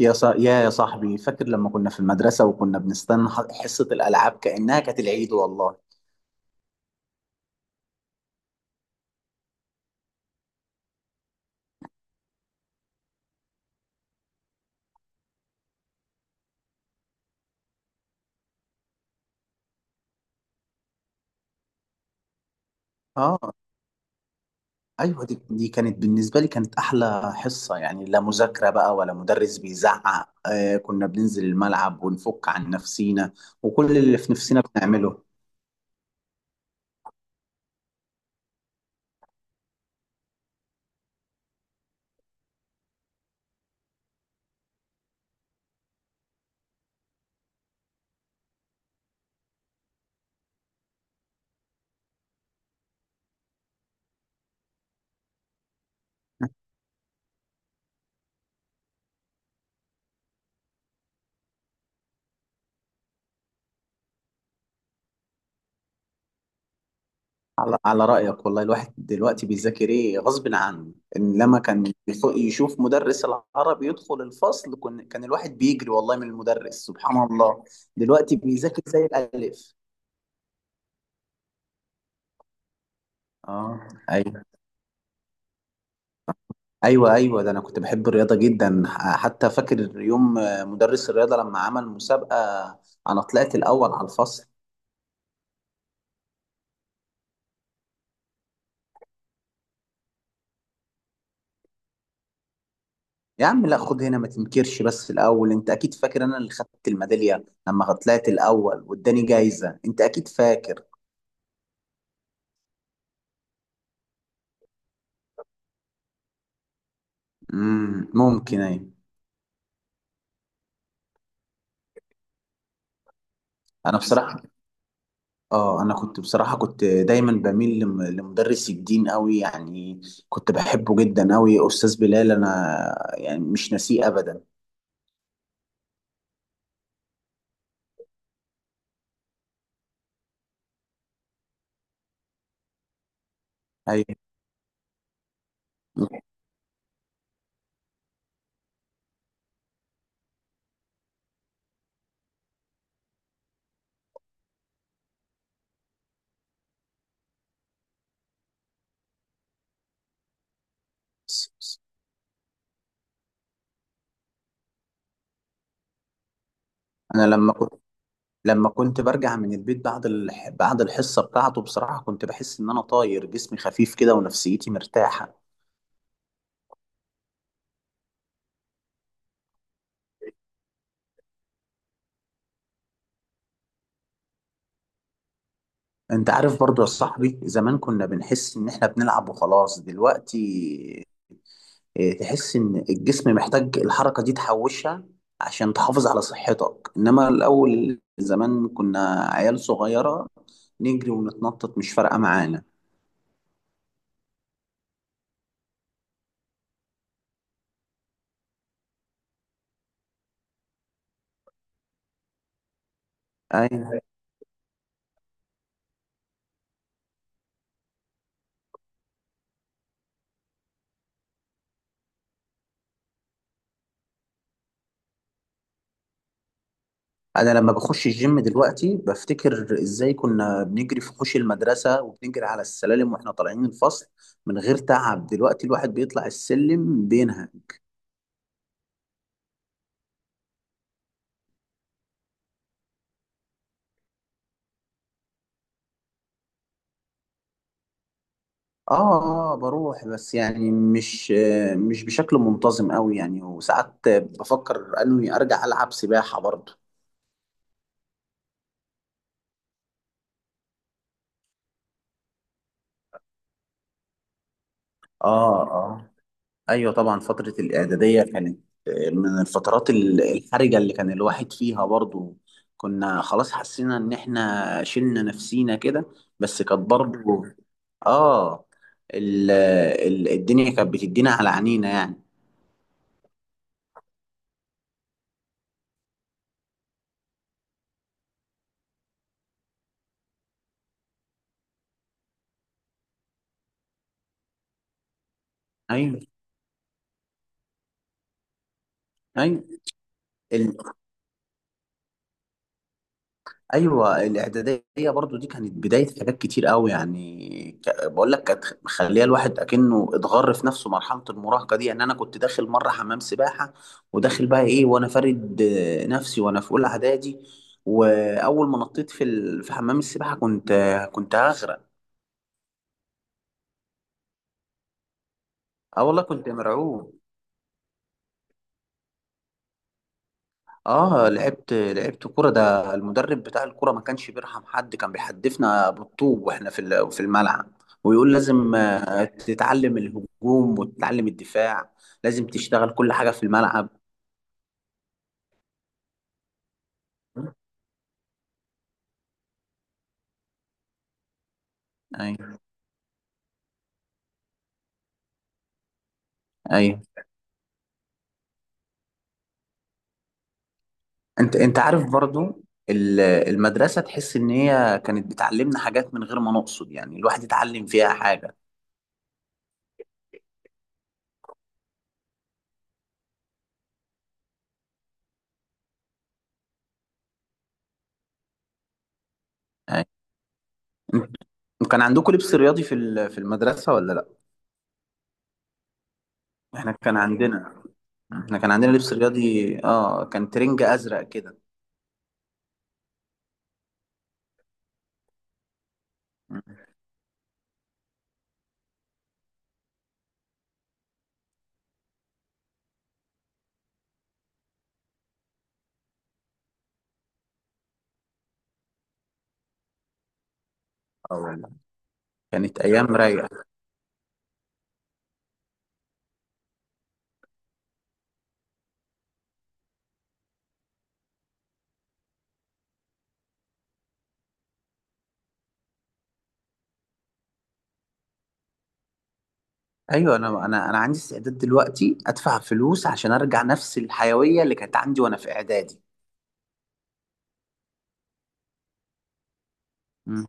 يا صا... يا يا صاحبي فاكر لما كنا في المدرسة وكنا بنستنى حصة الألعاب كأنها كانت العيد والله. اه ايوه دي كانت بالنسبة لي كانت أحلى حصة يعني، لا مذاكرة بقى ولا مدرس بيزعق. آه كنا بننزل الملعب ونفك عن نفسينا وكل اللي في نفسنا بنعمله. على رأيك والله الواحد دلوقتي بيذاكر ايه غصب عنه، انما كان يشوف مدرس العربي يدخل الفصل كان الواحد بيجري والله من المدرس سبحان الله. دلوقتي بيذاكر زي الألف. اه ايوه ايوه. ايوه ده انا كنت بحب الرياضه جدا، حتى فاكر يوم مدرس الرياضه لما عمل مسابقه انا طلعت الاول على الفصل. يا عم لا خد هنا ما تنكرش، بس الاول انت اكيد فاكر انا اللي خدت الميداليه لما طلعت الاول واداني جايزه، انت اكيد فاكر. ممكن ايوه. انا بصراحه، اه انا كنت بصراحه كنت دايما بميل لمدرس الدين قوي يعني، كنت بحبه جدا قوي، استاذ بلال انا يعني مش ناسيه ابدا. ايوه انا لما كنت، لما كنت برجع من البيت بعد بعد الحصه بتاعته بصراحه كنت بحس ان انا طاير جسمي خفيف كده ونفسيتي مرتاحه. انت عارف برضو يا صاحبي زمان كنا بنحس ان احنا بنلعب وخلاص. دلوقتي تحس ان الجسم محتاج الحركه دي تحوشها عشان تحافظ على صحتك، انما الاول زمان كنا عيال صغيره نجري ونتنطط مش فارقه معانا. اي، انا لما بخش الجيم دلوقتي بفتكر ازاي كنا بنجري في حوش المدرسه وبنجري على السلالم واحنا طالعين الفصل من غير تعب، دلوقتي الواحد بيطلع السلم بينها. اه بروح بس يعني مش بشكل منتظم قوي يعني، وساعات بفكر اني ارجع العب سباحه برضه. اه اه ايوه طبعا فتره الاعداديه كانت من الفترات الحرجه اللي كان الواحد فيها برضو، كنا خلاص حسينا ان احنا شلنا نفسينا كده. بس كانت برضو، اه، ال الدنيا كانت بتدينا على عينينا يعني. ايوه ايوه. ايوه الاعداديه برضو دي كانت بدايه حاجات كتير قوي يعني، بقول لك كانت مخليه الواحد اكنه اتغر في نفسه، مرحله المراهقه دي يعني انا كنت داخل مره حمام سباحه وداخل بقى ايه وانا فارد نفسي وانا في اولى اعدادي، واول ما نطيت في حمام السباحه كنت كنت هغرق. اه والله كنت مرعوب. اه لعبت، لعبت كرة، ده المدرب بتاع الكرة ما كانش بيرحم حد، كان بيحدفنا بالطوب واحنا في الملعب ويقول لازم تتعلم الهجوم وتتعلم الدفاع، لازم تشتغل كل حاجة في الملعب. ايوه ايوه. انت انت عارف برضو المدرسة تحس ان هي كانت بتعلمنا حاجات من غير ما نقصد يعني الواحد يتعلم فيها حاجة. أيوة. كان عندكم لبس رياضي في المدرسة ولا لا؟ احنا كان عندنا، احنا كان عندنا لبس رياضي، اه كان ترنج ازرق كده. اه والله كانت ايام رايقه. ايوه انا انا انا عندي استعداد دلوقتي ادفع فلوس عشان ارجع نفس الحيويه اللي كانت عندي وانا في اعدادي. مم.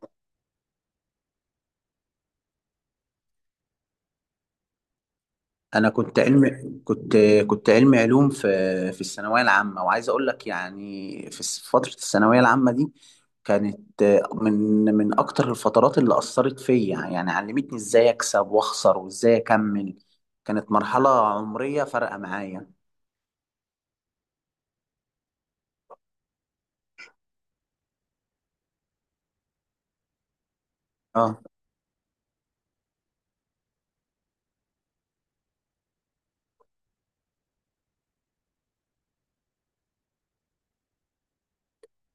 انا كنت علم، كنت، كنت علم علوم في، في الثانويه العامه، وعايز اقول لك يعني فتره الثانويه العامه دي كانت من، من اكتر الفترات اللي اثرت فيا يعني، علمتني ازاي اكسب واخسر وازاي اكمل، كانت مرحله عمريه فارقه معايا. اه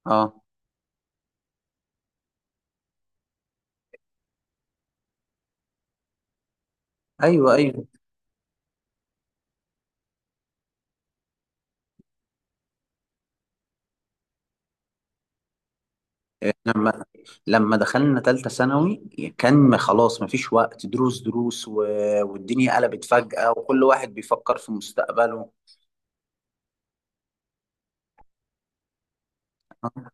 اه ايوه ايوه. لما لما دخلنا ثالثه ثانوي كان خلاص ما فيش وقت، دروس دروس والدنيا قلبت فجأة وكل واحد بيفكر في مستقبله. اه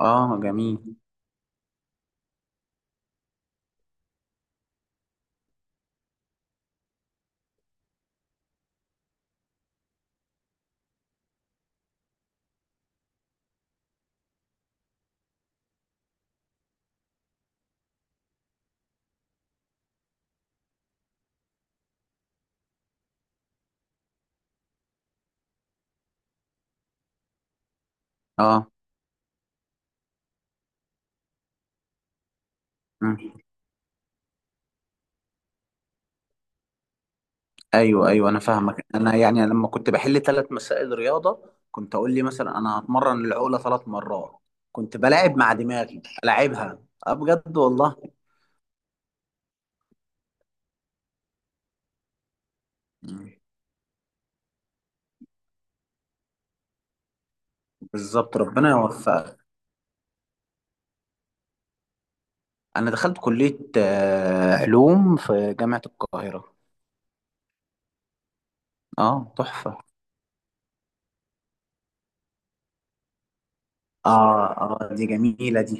جميل. اه. مم. ايوه ايوه انا فاهمك، انا يعني لما كنت بحل ثلاث مسائل رياضه كنت اقول لي مثلا انا هتمرن العقله ثلاث مرات، كنت بلاعب مع دماغي العبها، اه بجد والله. مم. بالظبط، ربنا يوفقك. انا دخلت كلية علوم في جامعة القاهرة. اه تحفة. اه اه دي جميلة دي،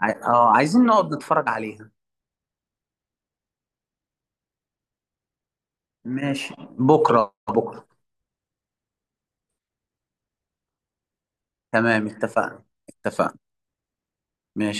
اه عايزين نقعد نتفرج عليها. ماشي، بكرة بكرة. تمام، اتفقنا اتفقنا ماشي.